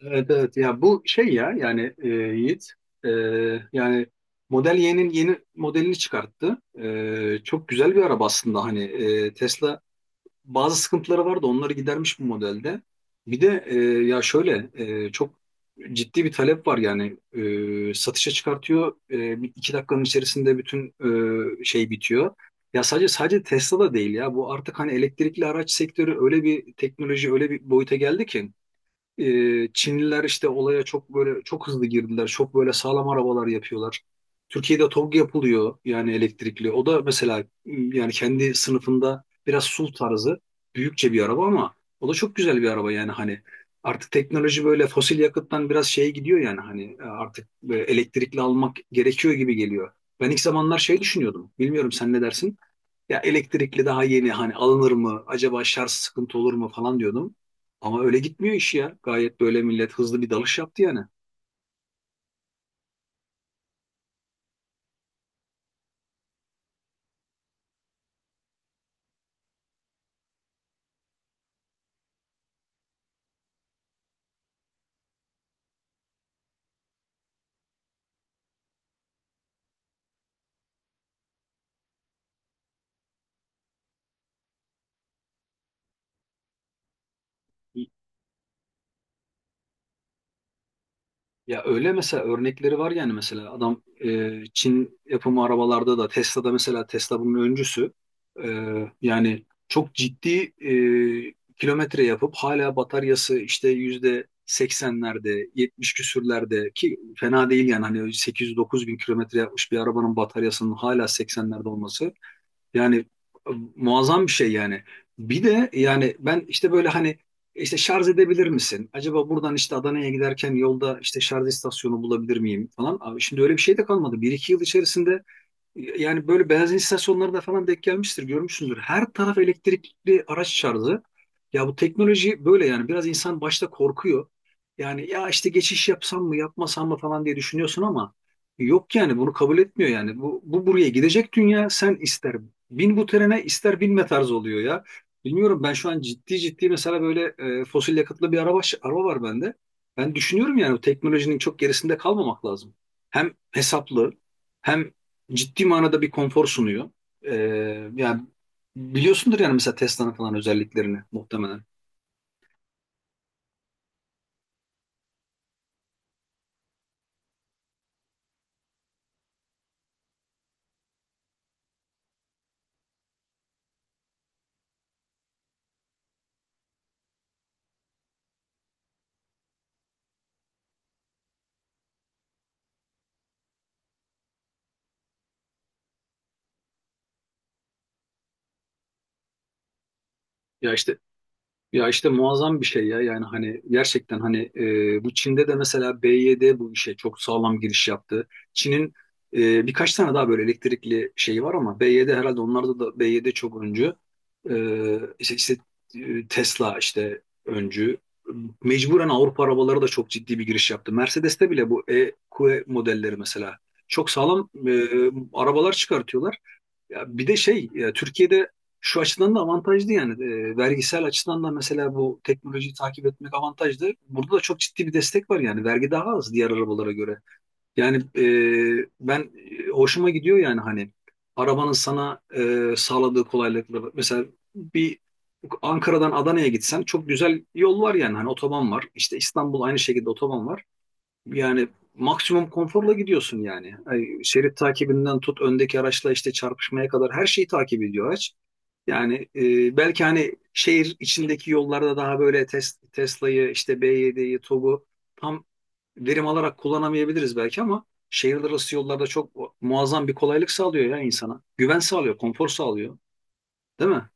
Evet, evet, ya bu şey ya yani Yiğit, e, yani Model Y'nin yeni modelini çıkarttı. Çok güzel bir araba aslında, hani Tesla bazı sıkıntıları vardı, onları gidermiş bu modelde. Bir de, ya şöyle, çok ciddi bir talep var yani. Satışa çıkartıyor, iki dakikanın içerisinde bütün şey bitiyor. Ya sadece Tesla da değil ya, bu artık hani elektrikli araç sektörü öyle bir teknoloji, öyle bir boyuta geldi ki. Çinliler işte olaya çok böyle çok hızlı girdiler. Çok böyle sağlam arabalar yapıyorlar. Türkiye'de TOG yapılıyor yani, elektrikli. O da mesela yani kendi sınıfında biraz SUV tarzı büyükçe bir araba, ama o da çok güzel bir araba yani. Hani artık teknoloji böyle fosil yakıttan biraz şeye gidiyor yani, hani artık elektrikli almak gerekiyor gibi geliyor. Ben ilk zamanlar şey düşünüyordum. Bilmiyorum, sen ne dersin? Ya elektrikli daha yeni, hani alınır mı? Acaba şarj sıkıntı olur mu falan diyordum. Ama öyle gitmiyor iş ya. Gayet böyle millet hızlı bir dalış yaptı yani. Ya öyle, mesela örnekleri var yani, mesela adam, Çin yapımı arabalarda da, Tesla'da, mesela Tesla bunun öncüsü. E, yani çok ciddi kilometre yapıp hala bataryası işte yüzde seksenlerde, 70 küsürlerde ki fena değil yani, hani 800-9 bin kilometre yapmış bir arabanın bataryasının hala seksenlerde olması, yani e, muazzam bir şey yani. Bir de yani ben işte böyle hani işte şarj edebilir misin? Acaba buradan işte Adana'ya giderken yolda işte şarj istasyonu bulabilir miyim falan. Abi şimdi öyle bir şey de kalmadı. Bir iki yıl içerisinde yani böyle benzin istasyonlarında falan denk gelmiştir, görmüşsündür. Her taraf elektrikli araç şarjı. Ya bu teknoloji böyle yani biraz insan başta korkuyor. Yani ya işte geçiş yapsam mı yapmasam mı falan diye düşünüyorsun, ama yok yani, bunu kabul etmiyor yani. Bu buraya gidecek dünya, sen ister bin bu trene, ister binme tarzı oluyor ya. Bilmiyorum, ben şu an ciddi ciddi mesela böyle fosil yakıtlı bir araba var bende. Ben düşünüyorum yani, bu teknolojinin çok gerisinde kalmamak lazım. Hem hesaplı, hem ciddi manada bir konfor sunuyor. Ee, Yani biliyorsundur yani, mesela Tesla'nın falan özelliklerini muhtemelen. Ya işte Ya işte muazzam bir şey ya yani, hani gerçekten hani bu Çin'de de mesela BYD bu işe çok sağlam giriş yaptı. Çin'in birkaç tane daha böyle elektrikli şeyi var, ama BYD herhalde, onlarda da BYD çok öncü. E, işte, işte, Tesla işte öncü. Mecburen Avrupa arabaları da çok ciddi bir giriş yaptı. Mercedes'te bile bu EQ modelleri mesela çok sağlam arabalar çıkartıyorlar. Ya bir de şey ya, Türkiye'de şu açıdan da avantajlı yani. Vergisel açıdan da mesela bu teknolojiyi takip etmek avantajlı. Burada da çok ciddi bir destek var yani, vergi daha az diğer arabalara göre. Yani ben, hoşuma gidiyor yani, hani arabanın sana sağladığı kolaylıkları. Mesela bir Ankara'dan Adana'ya gitsen çok güzel yol var yani, hani otoban var. İşte İstanbul aynı şekilde otoban var. Yani maksimum konforla gidiyorsun yani. Ay, şerit takibinden tut, öndeki araçla işte çarpışmaya kadar her şeyi takip ediyor araç. Yani belki hani şehir içindeki yollarda daha böyle Tesla'yı, işte B7'yi, TOG'u tam verim alarak kullanamayabiliriz belki, ama şehirler arası yollarda çok muazzam bir kolaylık sağlıyor ya insana. Güven sağlıyor, konfor sağlıyor. Değil mi?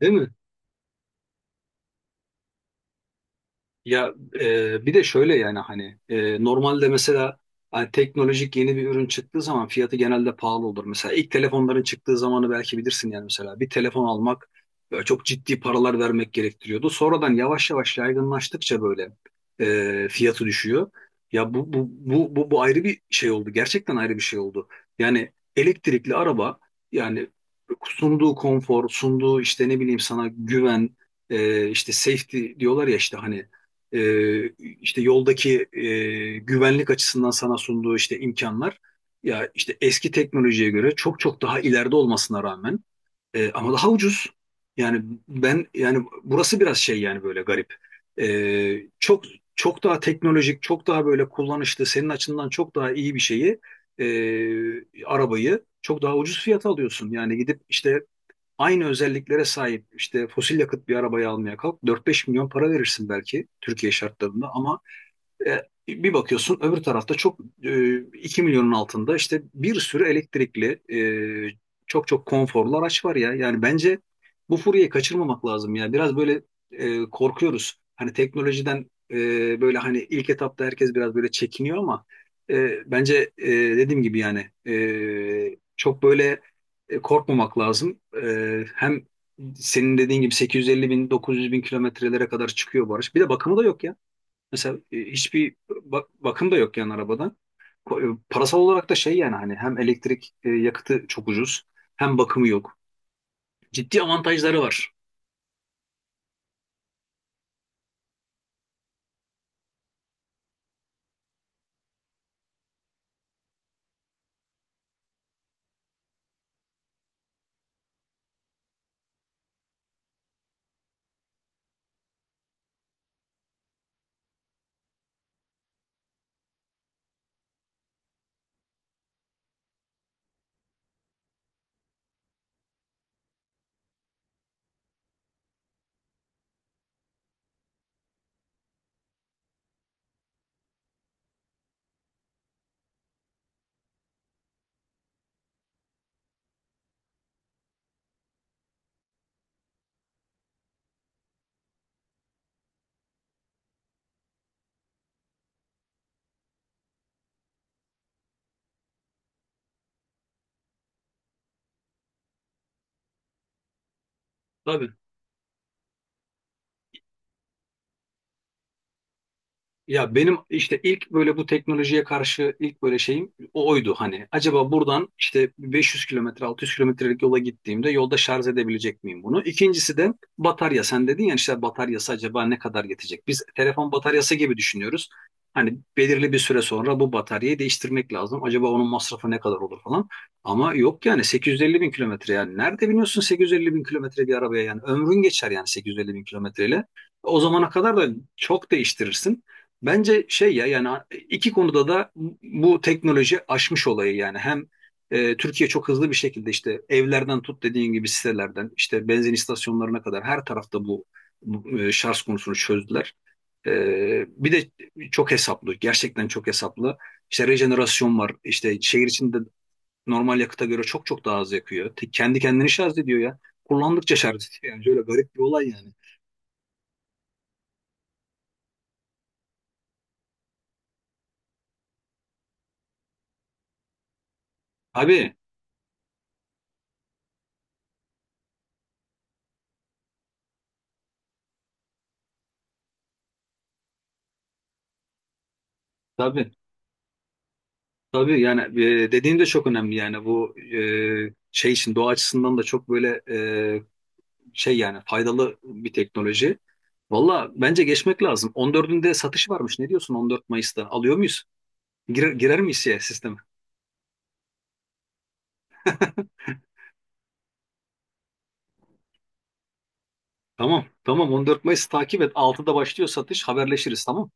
Değil mi? Ya, bir de şöyle yani, hani normalde mesela, hani teknolojik yeni bir ürün çıktığı zaman fiyatı genelde pahalı olur. Mesela ilk telefonların çıktığı zamanı belki bilirsin yani, mesela bir telefon almak böyle çok ciddi paralar vermek gerektiriyordu. Sonradan yavaş yavaş yaygınlaştıkça böyle fiyatı düşüyor. Ya bu ayrı bir şey oldu. Gerçekten ayrı bir şey oldu. Yani elektrikli araba yani, sunduğu konfor, sunduğu işte ne bileyim sana güven, işte safety diyorlar ya, işte hani e, işte yoldaki güvenlik açısından sana sunduğu işte imkanlar, ya işte eski teknolojiye göre çok çok daha ileride olmasına rağmen, ama daha ucuz. Yani ben yani, burası biraz şey yani, böyle garip. Çok çok daha teknolojik, çok daha böyle kullanışlı, senin açından çok daha iyi bir şeyi, arabayı çok daha ucuz fiyata alıyorsun. Yani gidip işte aynı özelliklere sahip işte fosil yakıt bir arabayı almaya kalk, 4-5 milyon para verirsin belki Türkiye şartlarında, ama e, bir bakıyorsun öbür tarafta çok 2 milyonun altında işte bir sürü elektrikli, çok çok konforlu araç var ya. Yani bence bu furyayı kaçırmamak lazım ya. Biraz böyle korkuyoruz. Hani teknolojiden böyle, hani ilk etapta herkes biraz böyle çekiniyor, ama bence dediğim gibi yani çok böyle korkmamak lazım. Hem senin dediğin gibi 850 bin 900 bin kilometrelere kadar çıkıyor bu araç. Bir de bakımı da yok ya. Mesela hiçbir bakım da yok yani arabadan. Parasal olarak da şey yani, hani hem elektrik yakıtı çok ucuz, hem bakımı yok. Ciddi avantajları var. Tabii. Ya benim işte ilk böyle bu teknolojiye karşı ilk böyle şeyim o oydu hani. Acaba buradan işte 500 kilometre, 600 kilometrelik yola gittiğimde yolda şarj edebilecek miyim bunu? İkincisi de batarya. Sen dedin ya işte, bataryası acaba ne kadar yetecek? Biz telefon bataryası gibi düşünüyoruz. Hani belirli bir süre sonra bu bataryayı değiştirmek lazım. Acaba onun masrafı ne kadar olur falan. Ama yok yani, 850 bin kilometre yani. Nerede biniyorsun 850 bin kilometre bir arabaya yani. Ömrün geçer yani 850 bin kilometreyle. O zamana kadar da çok değiştirirsin. Bence şey ya yani, iki konuda da bu teknoloji aşmış olayı yani. Hem Türkiye çok hızlı bir şekilde işte evlerden tut, dediğin gibi sitelerden, işte benzin istasyonlarına kadar her tarafta şarj konusunu çözdüler. Bir de çok hesaplı, gerçekten çok hesaplı, işte rejenerasyon var, işte şehir içinde normal yakıta göre çok çok daha az yakıyor. Kendi kendini şarj ediyor ya, kullandıkça şarj ediyor yani, şöyle garip bir olay yani. Tabii, tabii. Tabii yani, dediğin de çok önemli yani, bu şey için doğa açısından da çok böyle şey yani faydalı bir teknoloji. Valla bence geçmek lazım. 14'ünde satış varmış. Ne diyorsun 14 Mayıs'ta? Alıyor muyuz? Girer miyiz ya sisteme? Tamam. Tamam, 14 Mayıs takip et. 6'da başlıyor satış. Haberleşiriz, tamam.